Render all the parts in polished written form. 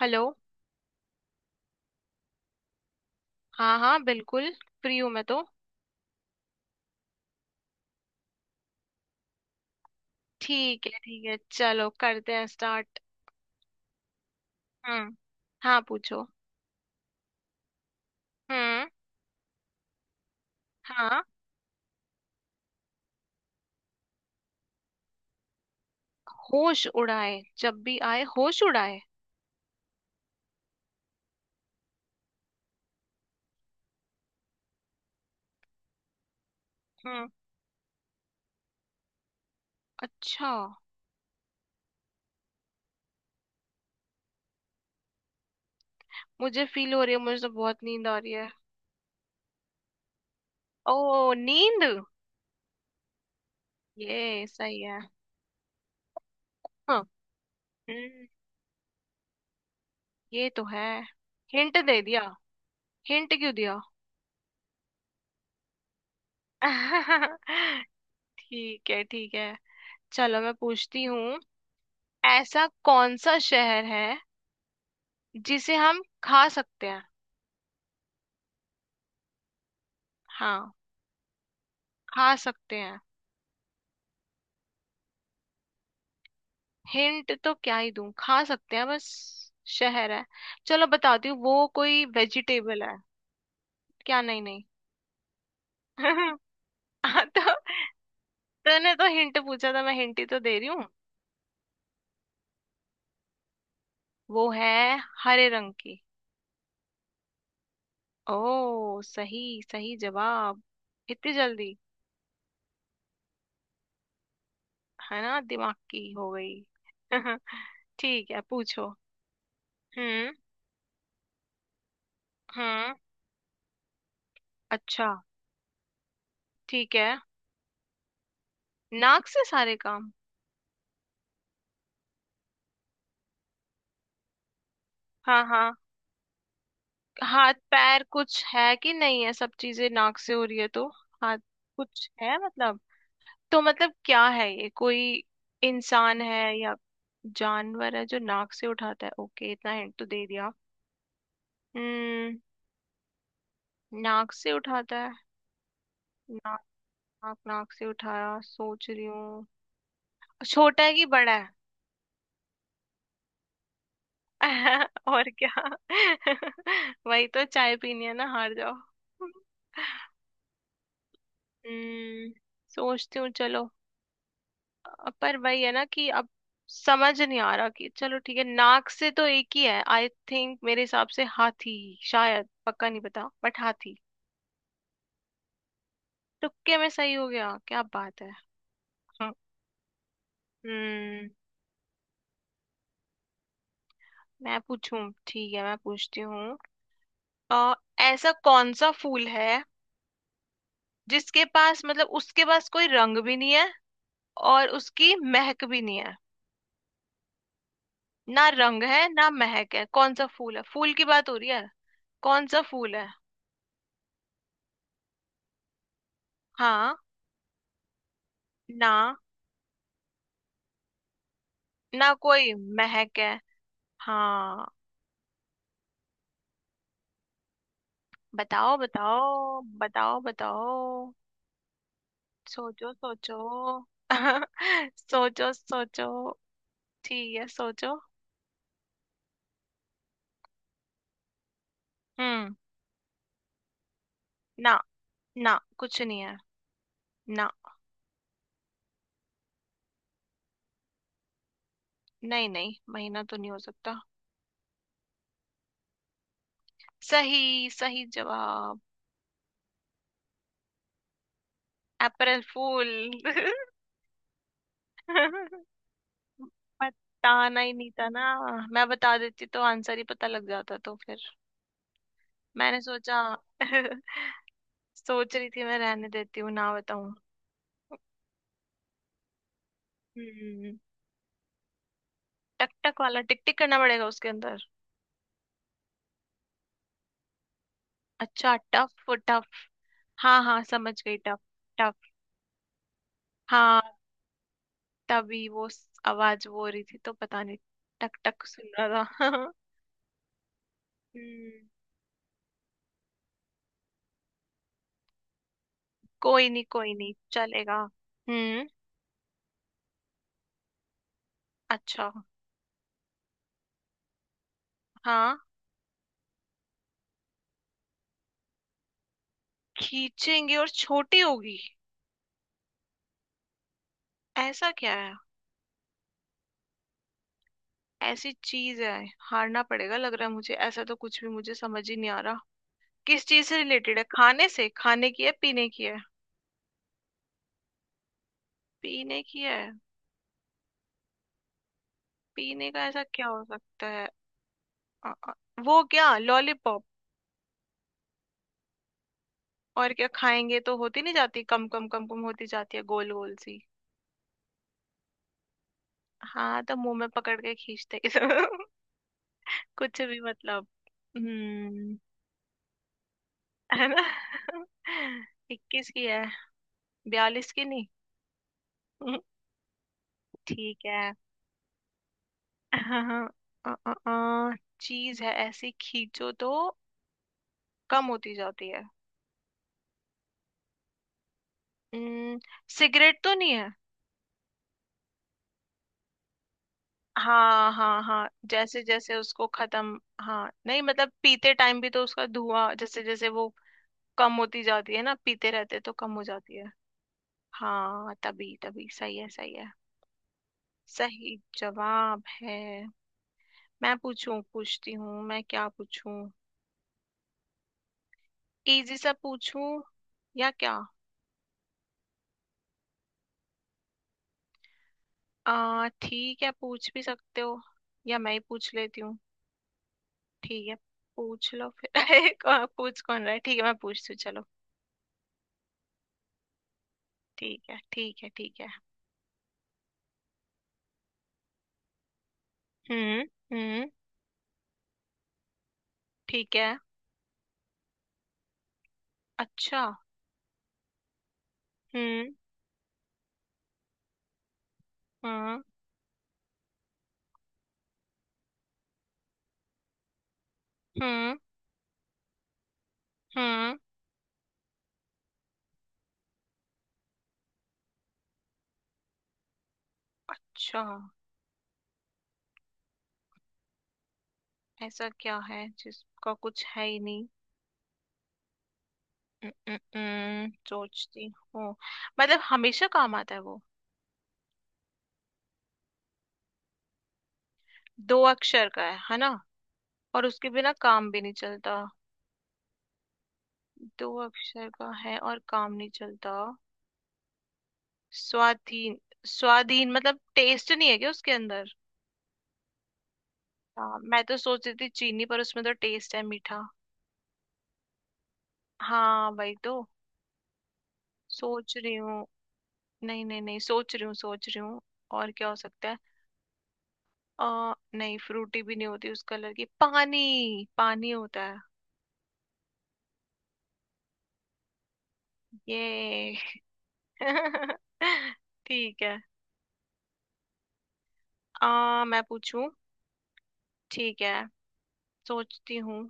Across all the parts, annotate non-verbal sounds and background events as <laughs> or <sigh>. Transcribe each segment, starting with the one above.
Hello. हाँ हाँ बिल्कुल। फ्री हूँ मैं तो। ठीक है चलो करते हैं स्टार्ट। हम्म। हाँ पूछो। हम्म। हाँ होश उड़ाए जब भी आए होश उड़ाए। हम्म। अच्छा। मुझे फील हो रही है मुझे तो बहुत नींद आ रही है। ओ नींद। ये सही है। हाँ। हम्म। ये तो है। हिंट दे दिया। हिंट क्यों दिया? <laughs> ठीक है ठीक है। चलो मैं पूछती हूँ। ऐसा कौन सा शहर है जिसे हम खा सकते हैं? हाँ खा सकते हैं। हिंट तो क्या ही दूं, खा सकते हैं बस। शहर है। चलो बताती हूँ, वो कोई वेजिटेबल है। क्या नहीं नहीं? <laughs> हाँ, तो तूने तो हिंट पूछा था, मैं हिंट ही तो दे रही हूँ। वो है हरे रंग की। ओ सही। सही जवाब। इतनी जल्दी। है ना, दिमाग की हो गई। <laughs> ठीक है पूछो। हम्म। हम्म। अच्छा। ठीक है। नाक से सारे काम। हाँ हाँ। हाथ पैर कुछ है कि नहीं है, सब चीजें नाक से हो रही है तो। हाथ कुछ है मतलब। तो मतलब क्या है, ये कोई इंसान है या जानवर है जो नाक से उठाता है? ओके इतना हिंट तो दे दिया। हम्म। नाक से उठाता है। नाक। नाक नाक से उठाया, सोच रही हूँ। छोटा है कि बड़ा है? <laughs> और क्या। <laughs> वही तो, चाय पीनी है ना, हार जाओ। <laughs> हम्म। सोचती हूँ चलो। पर वही है ना कि अब समझ नहीं आ रहा कि, चलो ठीक है नाक से तो एक ही है, आई थिंक मेरे हिसाब से हाथी। शायद पक्का नहीं पता, बट हाथी। तुक्के में सही हो गया, क्या बात है। हाँ। हम्म। मैं पूछूं? ठीक है मैं पूछती हूँ। अ, ऐसा कौन सा फूल है जिसके पास, मतलब उसके पास कोई रंग भी नहीं है और उसकी महक भी नहीं है? ना रंग है ना महक है, कौन सा फूल है? फूल की बात हो रही है। कौन सा फूल है? हाँ। ना। ना कोई महक है। हाँ बताओ बताओ बताओ बताओ। सोचो सोचो। <laughs> सोचो सोचो। ठीक है सोचो। हम्म। ना ना, कुछ नहीं है। ना। नहीं नहीं, महीना तो नहीं हो सकता। सही। सही जवाब। अप्रैल फूल। <laughs> बताना ही नहीं था ना। मैं बता देती तो आंसर ही पता लग जाता, तो फिर। मैंने सोचा। <laughs> सोच रही थी मैं, रहने देती हूँ ना बताऊं। हम्म। टक टक वाला, टिक टिक करना पड़ेगा उसके अंदर। अच्छा टफ टफ। हाँ हाँ समझ गई। टफ। टफ। हाँ। तभी वो आवाज वो हो रही थी तो पता नहीं। टक टक सुन रहा था। <laughs> हम्म। कोई नहीं चलेगा। हम्म। अच्छा। हाँ। खींचेंगे और छोटी होगी। ऐसा क्या है। ऐसी चीज है। हारना पड़ेगा लग रहा है मुझे, ऐसा तो कुछ भी मुझे समझ ही नहीं आ रहा। किस चीज से रिलेटेड है, खाने से? खाने की है, पीने की है? पीने की है। पीने का ऐसा क्या हो सकता है। अ, अ, वो क्या, लॉलीपॉप? और क्या, खाएंगे तो होती नहीं जाती, कम कम कम कम होती जाती है गोल गोल सी। हाँ तो मुंह में पकड़ के खींचते हैं सब। <laughs> कुछ भी मतलब। हम्म। है ना। <laughs> 21 की है, 42 की नहीं। <laughs> ठीक है। हाँ। अ, अ, अ, चीज है ऐसी खींचो तो कम होती जाती है। हम्म, सिगरेट तो नहीं है। हाँ हाँ हाँ, जैसे जैसे उसको खत्म, हाँ नहीं मतलब पीते टाइम भी तो उसका धुआं जैसे जैसे वो कम होती जाती है ना, पीते रहते तो कम हो जाती है। हाँ तभी तभी सही है सही है। सही जवाब है। मैं पूछूं? पूछती हूँ मैं, क्या पूछूं? इजी सा पूछूं या क्या? आ ठीक है, पूछ भी सकते हो या मैं ही पूछ लेती हूँ। ठीक है पूछ लो फिर। <laughs> पूछ कौन रहा है? ठीक है मैं पूछती हूँ चलो। ठीक है ठीक है ठीक है। हम्म। हम्म। ठीक है। अच्छा। हम्म। हम्म। हम्म। हम्म। अच्छा। ऐसा क्या है जिसका कुछ है ही नहीं? सोचती हूँ। मतलब हमेशा काम आता है वो। दो अक्षर का है ना? और उसके बिना काम भी नहीं चलता। दो अक्षर का है और काम नहीं चलता। स्वाधीन। स्वाधीन मतलब टेस्ट नहीं है क्या उसके अंदर? हाँ, मैं तो सोच रही थी चीनी, पर उसमें तो टेस्ट है मीठा। हाँ वही तो। सोच रही हूँ। नहीं नहीं नहीं, सोच रही हूँ सोच रही हूँ। और क्या हो सकता है। नहीं, फ्रूटी भी नहीं होती उस कलर की, पानी। पानी होता है ये। <laughs> ठीक है। मैं पूछूं? ठीक है। सोचती हूँ।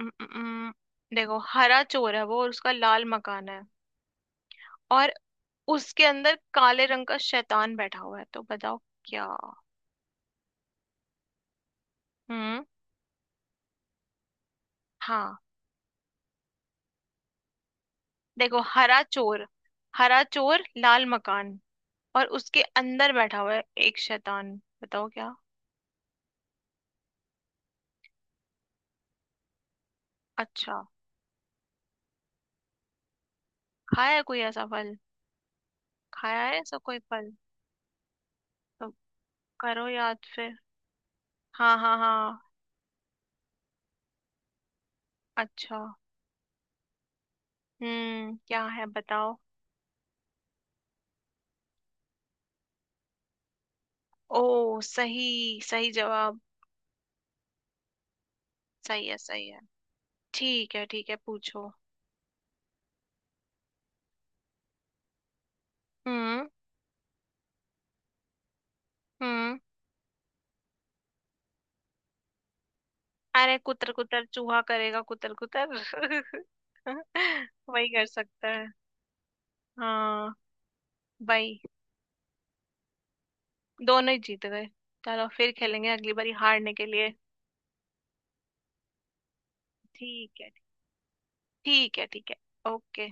उम, उम, उम, देखो हरा चोर है वो, और उसका लाल मकान है। और उसके अंदर काले रंग का शैतान बैठा हुआ है, तो बताओ क्या? हम्म। हाँ। देखो हरा चोर। हरा चोर लाल मकान। और उसके अंदर बैठा हुआ है एक शैतान, बताओ क्या? अच्छा। खाया है कोई ऐसा फल। खाया है ऐसा कोई फल। तो करो याद फिर। हाँ हाँ हाँ। अच्छा। हम्म, क्या है बताओ। ओ सही। सही जवाब। सही है सही है। ठीक है ठीक है पूछो। हम्म। हम्म। अरे कुतर कुतर, चूहा करेगा कुतर कुतर। <laughs> वही कर सकता है। हाँ भाई। दोनों ही जीत गए। चलो फिर खेलेंगे अगली बारी हारने के लिए। ठीक है ठीक है ठीक है। ओके।